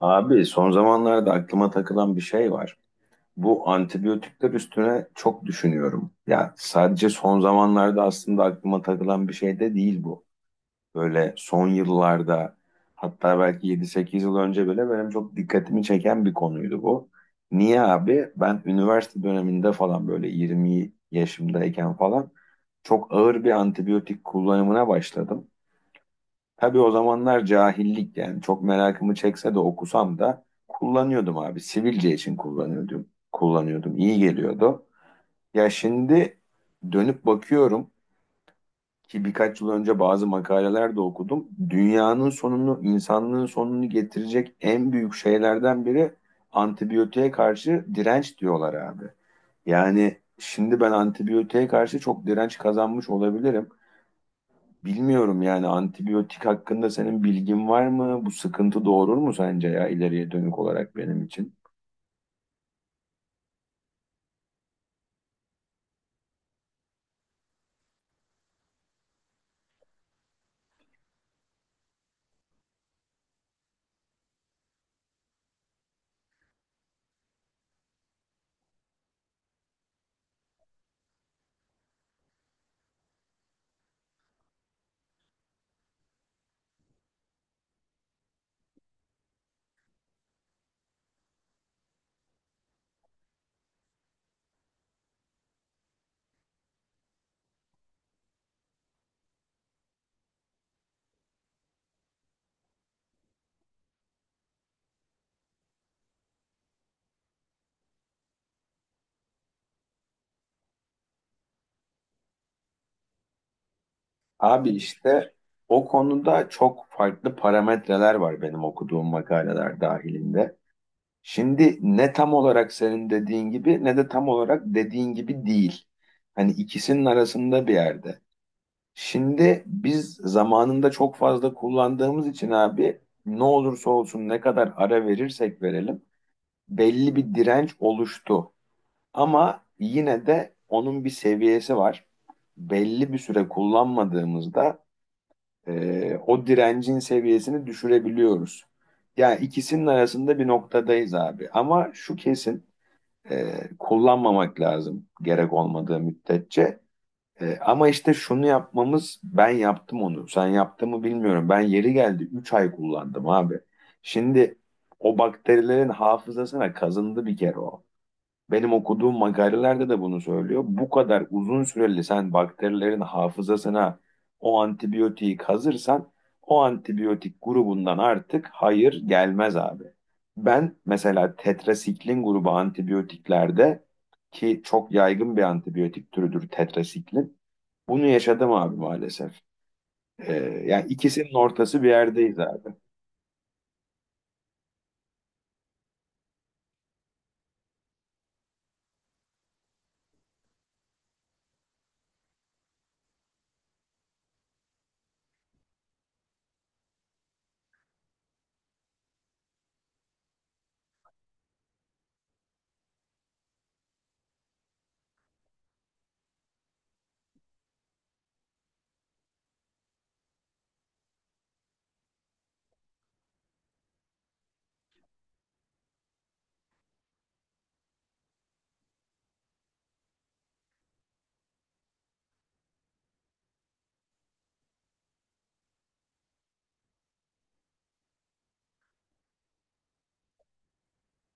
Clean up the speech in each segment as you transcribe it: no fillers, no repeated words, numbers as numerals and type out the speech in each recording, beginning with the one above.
Abi son zamanlarda aklıma takılan bir şey var. Bu antibiyotikler üstüne çok düşünüyorum. Ya sadece son zamanlarda aslında aklıma takılan bir şey de değil bu. Böyle son yıllarda hatta belki 7 8 yıl önce bile benim çok dikkatimi çeken bir konuydu bu. Niye abi? Ben üniversite döneminde falan böyle 20 yaşımdayken falan çok ağır bir antibiyotik kullanımına başladım. Tabii o zamanlar cahillik yani çok merakımı çekse de okusam da kullanıyordum abi. Sivilce için kullanıyordum. Kullanıyordum. İyi geliyordu. Ya şimdi dönüp bakıyorum ki birkaç yıl önce bazı makaleler de okudum. Dünyanın sonunu, insanlığın sonunu getirecek en büyük şeylerden biri antibiyotiğe karşı direnç diyorlar abi. Yani şimdi ben antibiyotiğe karşı çok direnç kazanmış olabilirim. Bilmiyorum yani antibiyotik hakkında senin bilgin var mı? Bu sıkıntı doğurur mu sence ya ileriye dönük olarak benim için? Abi işte o konuda çok farklı parametreler var benim okuduğum makaleler dahilinde. Şimdi ne tam olarak senin dediğin gibi ne de tam olarak dediğin gibi değil. Hani ikisinin arasında bir yerde. Şimdi biz zamanında çok fazla kullandığımız için abi ne olursa olsun ne kadar ara verirsek verelim belli bir direnç oluştu. Ama yine de onun bir seviyesi var. Belli bir süre kullanmadığımızda o direncin seviyesini düşürebiliyoruz. Yani ikisinin arasında bir noktadayız abi. Ama şu kesin, kullanmamak lazım gerek olmadığı müddetçe. Ama işte şunu yapmamız ben yaptım onu. Sen yaptın mı bilmiyorum. Ben yeri geldi 3 ay kullandım abi. Şimdi o bakterilerin hafızasına kazındı bir kere o. Benim okuduğum makalelerde de bunu söylüyor. Bu kadar uzun süreli sen bakterilerin hafızasına o antibiyotiği kazırsan o antibiyotik grubundan artık hayır gelmez abi. Ben mesela tetrasiklin grubu antibiyotiklerde ki çok yaygın bir antibiyotik türüdür tetrasiklin. Bunu yaşadım abi maalesef. Ee, Yani ikisinin ortası bir yerdeyiz abi.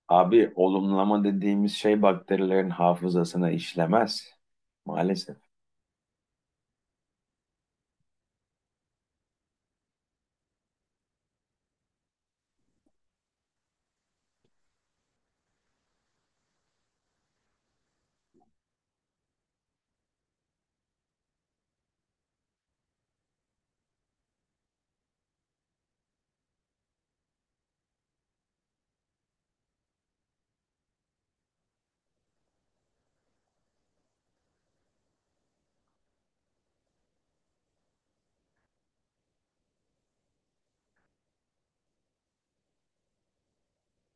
Abi olumlama dediğimiz şey bakterilerin hafızasına işlemez. Maalesef.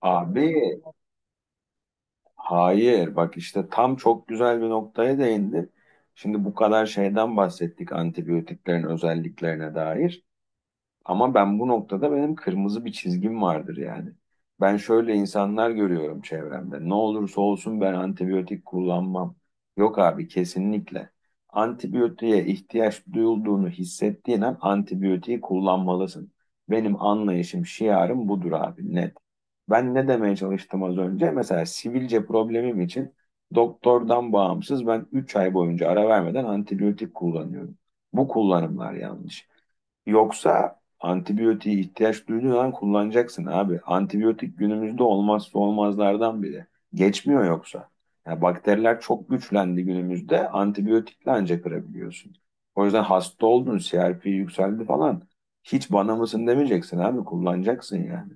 Abi, hayır, bak işte tam çok güzel bir noktaya değindin. Şimdi bu kadar şeyden bahsettik antibiyotiklerin özelliklerine dair. Ama ben bu noktada benim kırmızı bir çizgim vardır yani. Ben şöyle insanlar görüyorum çevremde. Ne olursa olsun ben antibiyotik kullanmam. Yok abi kesinlikle. Antibiyotiğe ihtiyaç duyulduğunu hissettiğin an antibiyotiği kullanmalısın. Benim anlayışım, şiarım budur abi net. Ben ne demeye çalıştım az önce? Mesela sivilce problemim için doktordan bağımsız ben 3 ay boyunca ara vermeden antibiyotik kullanıyorum. Bu kullanımlar yanlış. Yoksa antibiyotiğe ihtiyaç duyduğun an kullanacaksın abi. Antibiyotik günümüzde olmazsa olmazlardan biri. Geçmiyor yoksa. Ya bakteriler çok güçlendi günümüzde. Antibiyotikle ancak kırabiliyorsun. O yüzden hasta oldun, CRP yükseldi falan. Hiç bana mısın demeyeceksin abi kullanacaksın yani.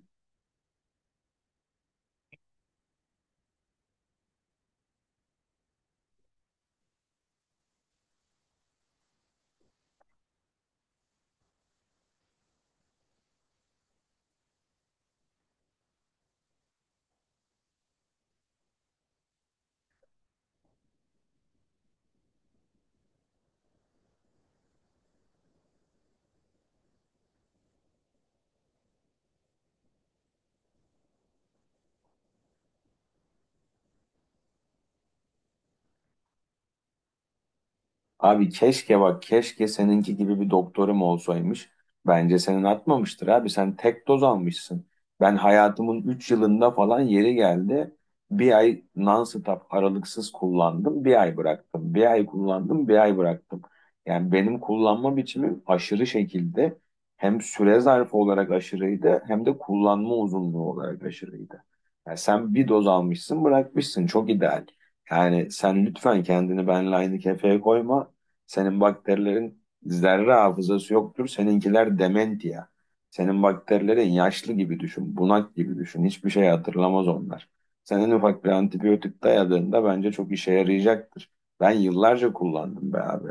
Abi keşke bak keşke seninki gibi bir doktorum olsaymış. Bence senin atmamıştır abi. Sen tek doz almışsın. Ben hayatımın 3 yılında falan yeri geldi. Bir ay non-stop aralıksız kullandım. Bir ay bıraktım. Bir ay kullandım. Bir ay bıraktım. Yani benim kullanma biçimim aşırı şekilde hem süre zarfı olarak aşırıydı hem de kullanma uzunluğu olarak aşırıydı. Yani sen bir doz almışsın bırakmışsın. Çok ideal. Yani sen lütfen kendini benle aynı kefeye koyma. Senin bakterilerin zerre hafızası yoktur. Seninkiler dementia. Senin bakterilerin yaşlı gibi düşün, bunak gibi düşün. Hiçbir şey hatırlamaz onlar. Senin ufak bir antibiyotik dayadığında bence çok işe yarayacaktır. Ben yıllarca kullandım be abi.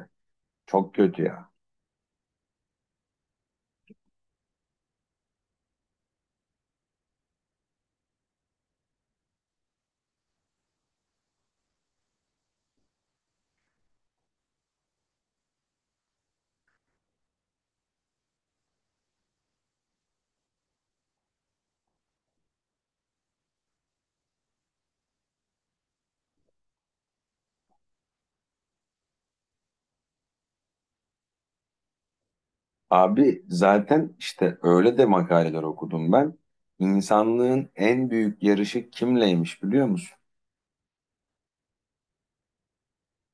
Çok kötü ya. Abi zaten işte öyle de makaleler okudum ben. İnsanlığın en büyük yarışı kimleymiş biliyor musun?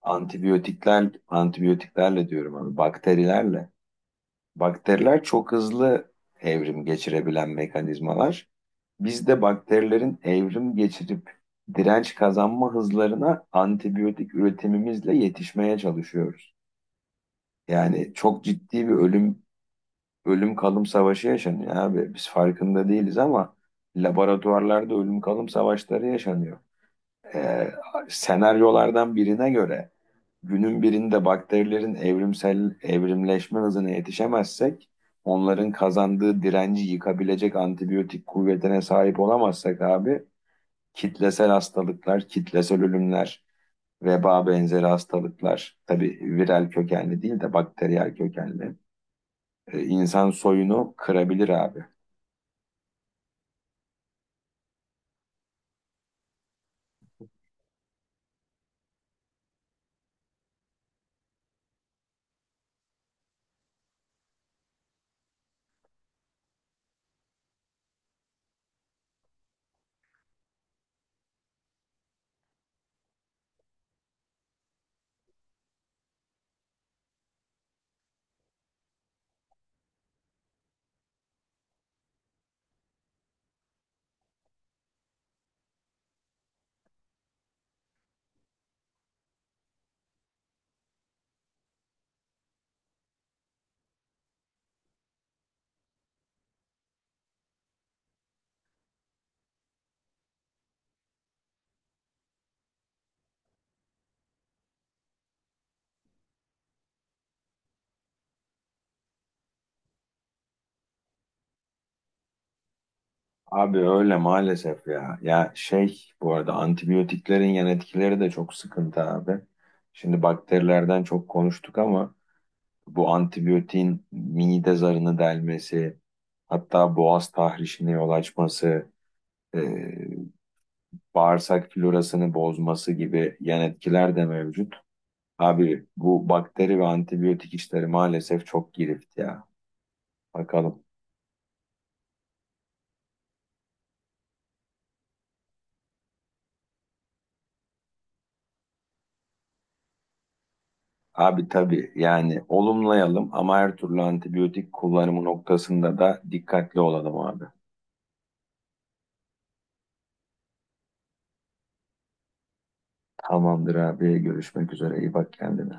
Antibiyotikler, antibiyotiklerle diyorum abi, bakterilerle. Bakteriler çok hızlı evrim geçirebilen mekanizmalar. Biz de bakterilerin evrim geçirip direnç kazanma hızlarına antibiyotik üretimimizle yetişmeye çalışıyoruz. Yani çok ciddi bir ölüm kalım savaşı yaşanıyor abi. Biz farkında değiliz ama laboratuvarlarda ölüm kalım savaşları yaşanıyor. Ee, Senaryolardan birine göre günün birinde bakterilerin evrimsel evrimleşme hızına yetişemezsek, onların kazandığı direnci yıkabilecek antibiyotik kuvvetine sahip olamazsak abi, kitlesel hastalıklar, kitlesel ölümler, veba benzeri hastalıklar, tabii viral kökenli değil de bakteriyel kökenli, insan soyunu kırabilir abi. Abi öyle maalesef ya. Ya şey bu arada antibiyotiklerin yan etkileri de çok sıkıntı abi. Şimdi bakterilerden çok konuştuk ama bu antibiyotiğin mide zarını delmesi, hatta boğaz tahrişine yol açması, e, bağırsak florasını bozması gibi yan etkiler de mevcut. Abi bu bakteri ve antibiyotik işleri maalesef çok girift ya. Bakalım. Abi tabii yani olumlayalım ama her türlü antibiyotik kullanımı noktasında da dikkatli olalım abi. Tamamdır abi görüşmek üzere iyi bak kendine.